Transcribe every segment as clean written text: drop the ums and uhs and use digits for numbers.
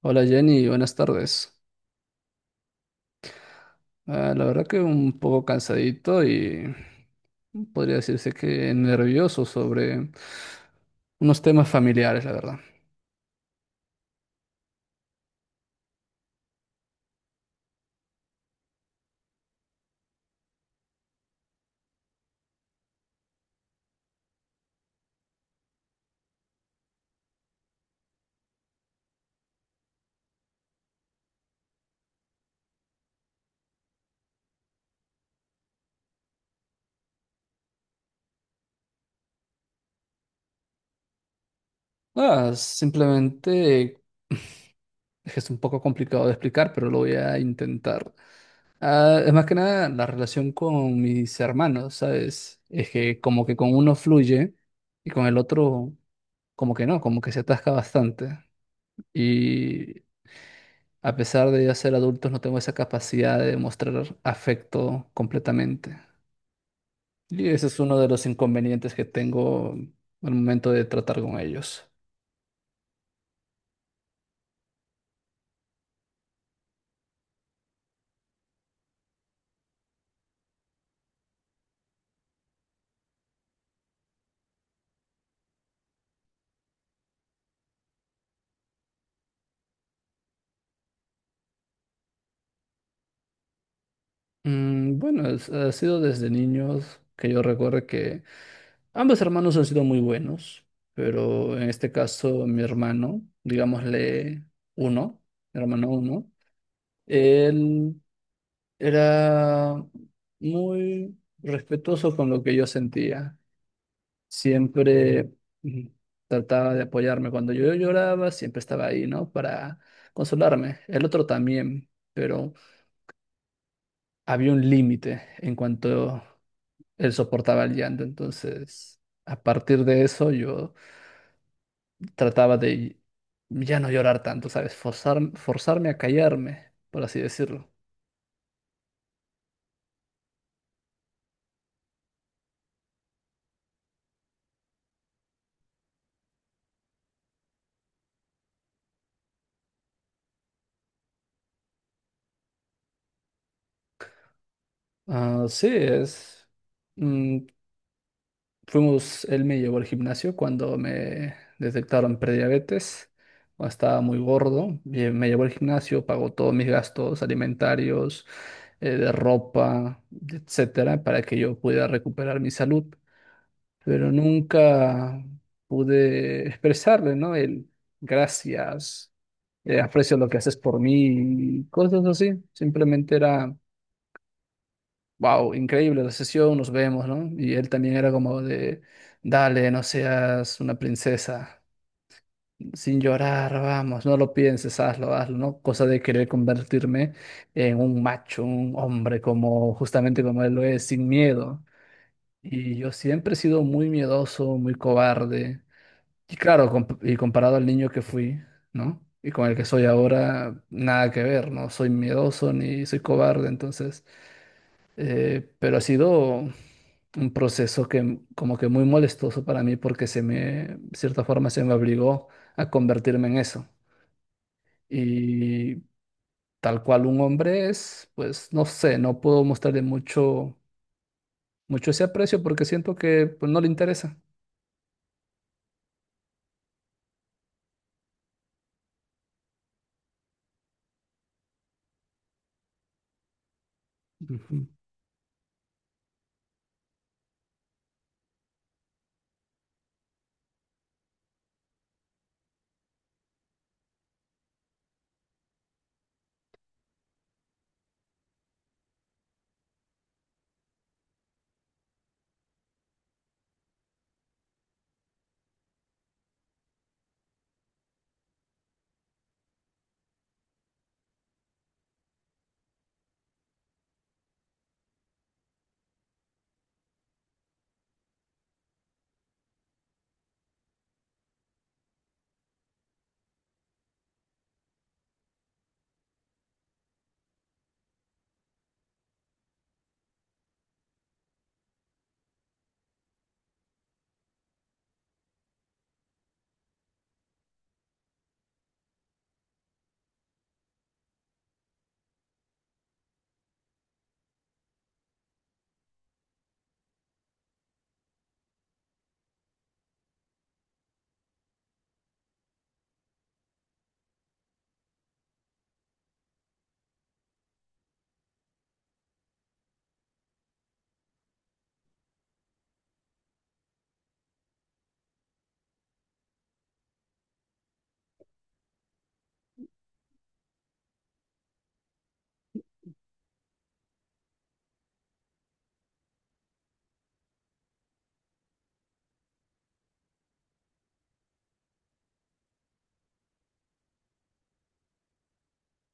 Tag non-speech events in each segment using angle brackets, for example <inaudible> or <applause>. Hola Jenny, buenas tardes. La verdad que un poco cansadito y podría decirse que nervioso sobre unos temas familiares, la verdad. Simplemente es que es un poco complicado de explicar, pero lo voy a intentar. Es más que nada la relación con mis hermanos, ¿sabes? Es que como que con uno fluye y con el otro como que no, como que se atasca bastante. Y a pesar de ya ser adultos, no tengo esa capacidad de mostrar afecto completamente. Y ese es uno de los inconvenientes que tengo al momento de tratar con ellos. Bueno, ha sido desde niños que yo recuerdo que ambos hermanos han sido muy buenos, pero en este caso mi hermano, digámosle uno, mi hermano uno, él era muy respetuoso con lo que yo sentía. Siempre mm, trataba de apoyarme. Cuando yo lloraba, siempre estaba ahí, ¿no? Para consolarme. El otro también, pero había un límite en cuanto él soportaba el llanto. Entonces, a partir de eso, yo trataba de ya no llorar tanto, ¿sabes? Forzarme a callarme, por así decirlo. Ah, sí, es... mm, fuimos, él me llevó al gimnasio cuando me detectaron prediabetes. Cuando estaba muy gordo. Me llevó al gimnasio, pagó todos mis gastos alimentarios, de ropa, etcétera, para que yo pudiera recuperar mi salud. Pero nunca pude expresarle, ¿no? El gracias, aprecio lo que haces por mí, y cosas así. Simplemente era wow, increíble la sesión, nos vemos, ¿no? Y él también era como de, dale, no seas una princesa, sin llorar, vamos, no lo pienses, hazlo, hazlo, ¿no? Cosa de querer convertirme en un macho, un hombre como, justamente como él lo es, sin miedo. Y yo siempre he sido muy miedoso, muy cobarde. Y claro, y comparado al niño que fui, ¿no? Y con el que soy ahora, nada que ver, no soy miedoso ni soy cobarde, entonces... Pero ha sido un proceso que como que muy molestoso para mí porque se me, de cierta forma, se me obligó a convertirme en eso. Y tal cual un hombre es, pues no sé, no puedo mostrarle mucho, mucho ese aprecio porque siento que pues, no le interesa. Ujú.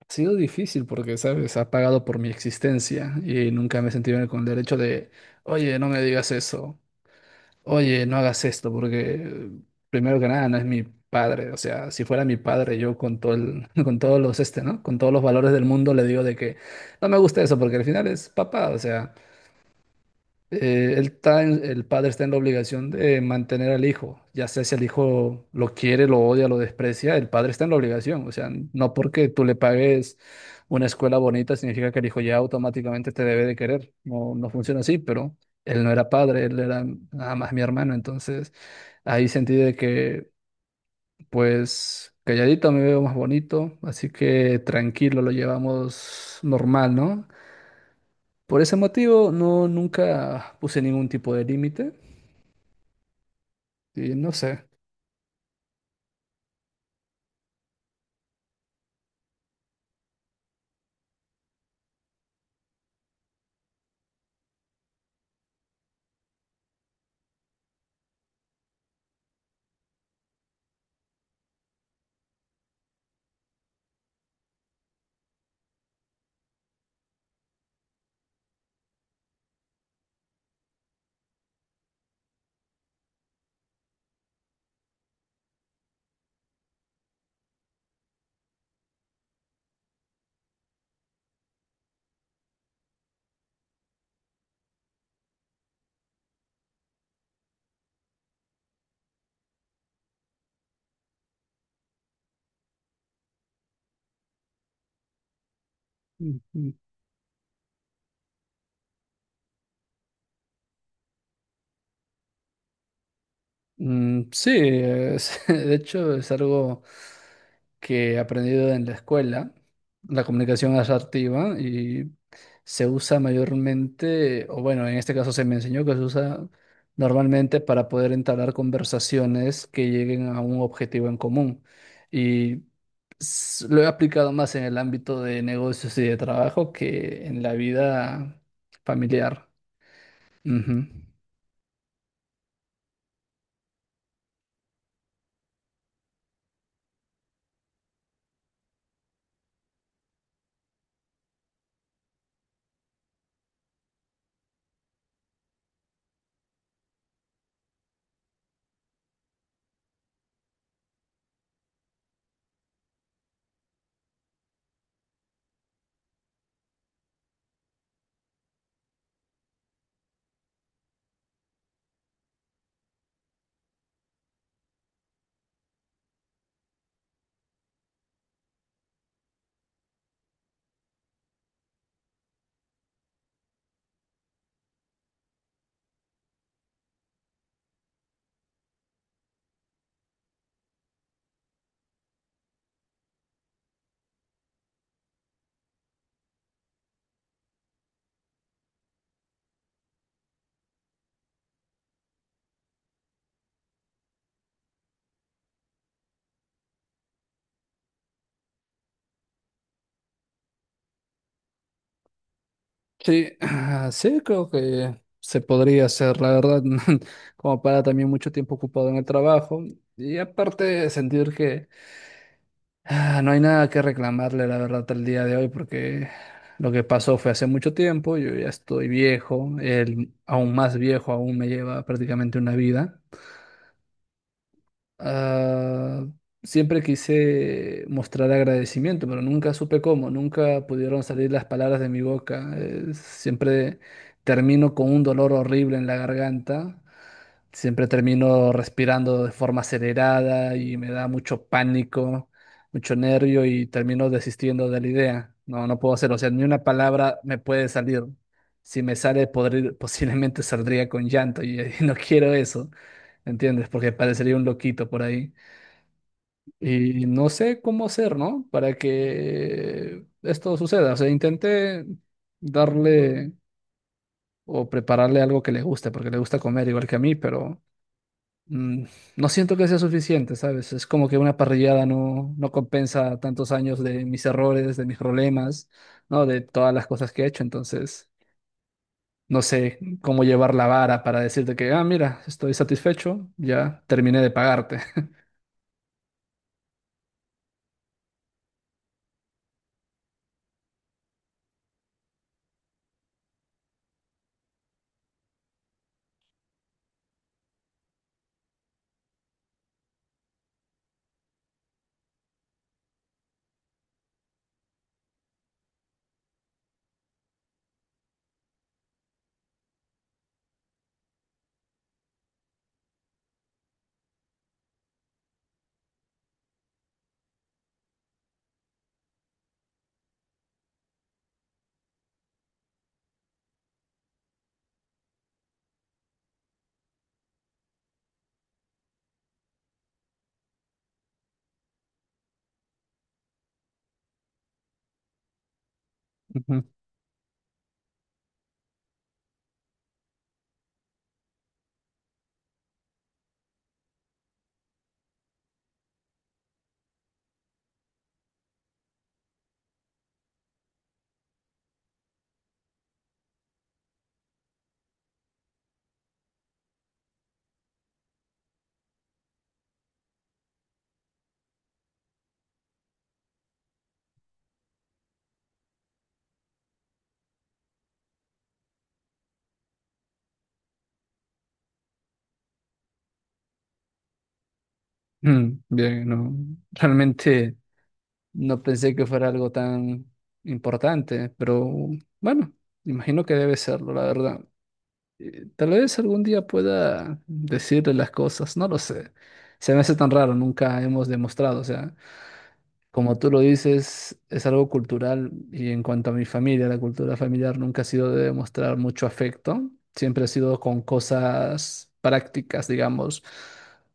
Ha sido difícil porque, ¿sabes? Ha pagado por mi existencia y nunca me he sentido con el derecho de, oye, no me digas eso. Oye, no hagas esto porque primero que nada no es mi padre, o sea, si fuera mi padre yo con todo <laughs> con todos los este, ¿no? Con todos los valores del mundo le digo de que no me gusta eso porque al final es papá, o sea, él está el padre está en la obligación de mantener al hijo, ya sea si el hijo lo quiere, lo odia, lo desprecia, el padre está en la obligación. O sea, no porque tú le pagues una escuela bonita significa que el hijo ya automáticamente te debe de querer. No, no funciona así, pero él no era padre, él era nada más mi hermano. Entonces, ahí sentí de que, pues, calladito me veo más bonito, así que tranquilo, lo llevamos normal, ¿no? Por ese motivo, no, nunca puse ningún tipo de límite. Sí, no sé. Mm, mm, sí, <laughs> de hecho es algo que he aprendido en la escuela, la comunicación asertiva, y se usa mayormente, o bueno, en este caso se me enseñó que se usa normalmente para poder entablar conversaciones que lleguen a un objetivo en común. Y lo he aplicado más en el ámbito de negocios y de trabajo que en la vida familiar. Ujú. Sí, sí, creo que se podría hacer, la verdad, <laughs> como para también mucho tiempo ocupado en el trabajo y aparte sentir que no hay nada que reclamarle, la verdad, el día de hoy, porque lo que pasó fue hace mucho tiempo, yo ya estoy viejo, él aún más viejo, aún me lleva prácticamente una vida. Ah, Siempre quise mostrar agradecimiento, pero nunca supe cómo, nunca pudieron salir las palabras de mi boca. Siempre termino con un dolor horrible en la garganta, siempre termino respirando de forma acelerada y me da mucho pánico, mucho nervio y termino desistiendo de la idea. No, no puedo hacerlo, o sea, ni una palabra me puede salir. Si me sale, <laughs> posiblemente saldría con llanto y <laughs> y no quiero eso. ¿Entiendes? Porque parecería un loquito por ahí. Y no sé cómo hacer, ¿no? Para que esto suceda. O sea, intenté darle o prepararle algo que le guste, porque le gusta comer igual que a mí, pero mm, no siento que sea suficiente, ¿sabes? Es como que una parrillada no, no compensa tantos años de mis errores, de mis problemas, ¿no? De todas las cosas que he hecho. Entonces, no sé cómo llevar la vara para decirte que, ah, mira, estoy satisfecho, ya terminé de pagarte. <laughs> Bien, no, realmente no pensé que fuera algo tan importante, pero bueno, imagino que debe serlo, la verdad. Tal vez algún día pueda decirle las cosas, no lo sé. Se me hace tan raro, nunca hemos demostrado, o sea, como tú lo dices, es algo cultural y en cuanto a mi familia, la cultura familiar nunca ha sido de demostrar mucho afecto, siempre ha sido con cosas prácticas, digamos.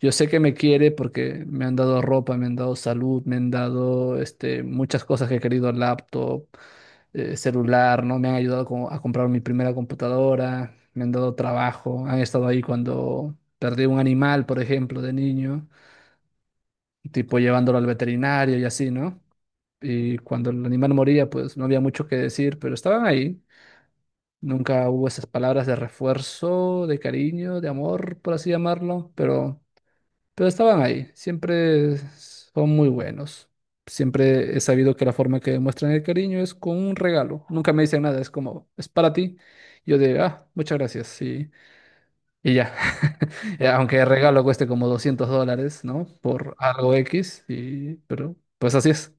Yo sé que me quiere porque me han dado ropa, me han dado salud, me han dado este, muchas cosas que he querido, laptop, celular, ¿no? Me han ayudado a comprar mi primera computadora, me han dado trabajo, han estado ahí cuando perdí un animal, por ejemplo, de niño, tipo llevándolo al veterinario y así, ¿no? Y cuando el animal moría, pues no había mucho que decir, pero estaban ahí. Nunca hubo esas palabras de refuerzo, de cariño, de amor, por así llamarlo, pero estaban ahí. Siempre son muy buenos. Siempre he sabido que la forma que demuestran el cariño es con un regalo. Nunca me dicen nada, es como, es para ti. Yo digo, ah, muchas gracias, y ya. <laughs> Aunque el regalo cueste como $200, ¿no? Por algo X, y, pero pues así es.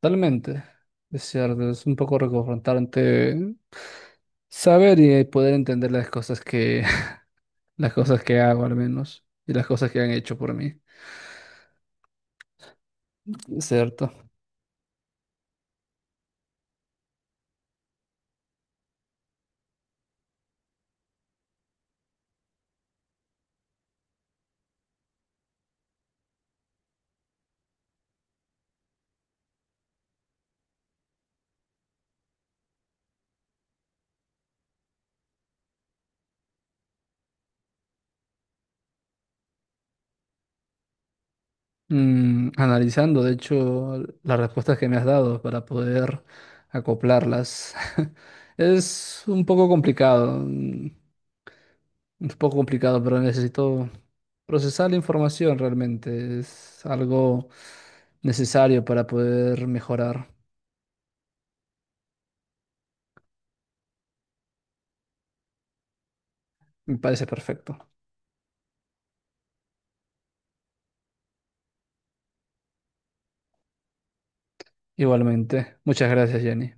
Totalmente, es cierto, es un poco reconfrontante saber y poder entender las cosas que, <laughs> las cosas que hago al menos, y las cosas que han hecho por mí, es cierto. Analizando, de hecho, las respuestas que me has dado para poder acoplarlas, <laughs> es un poco complicado, un poco complicado, pero necesito procesar la información realmente, es algo necesario para poder mejorar, me parece perfecto. Igualmente. Muchas gracias, Jenny.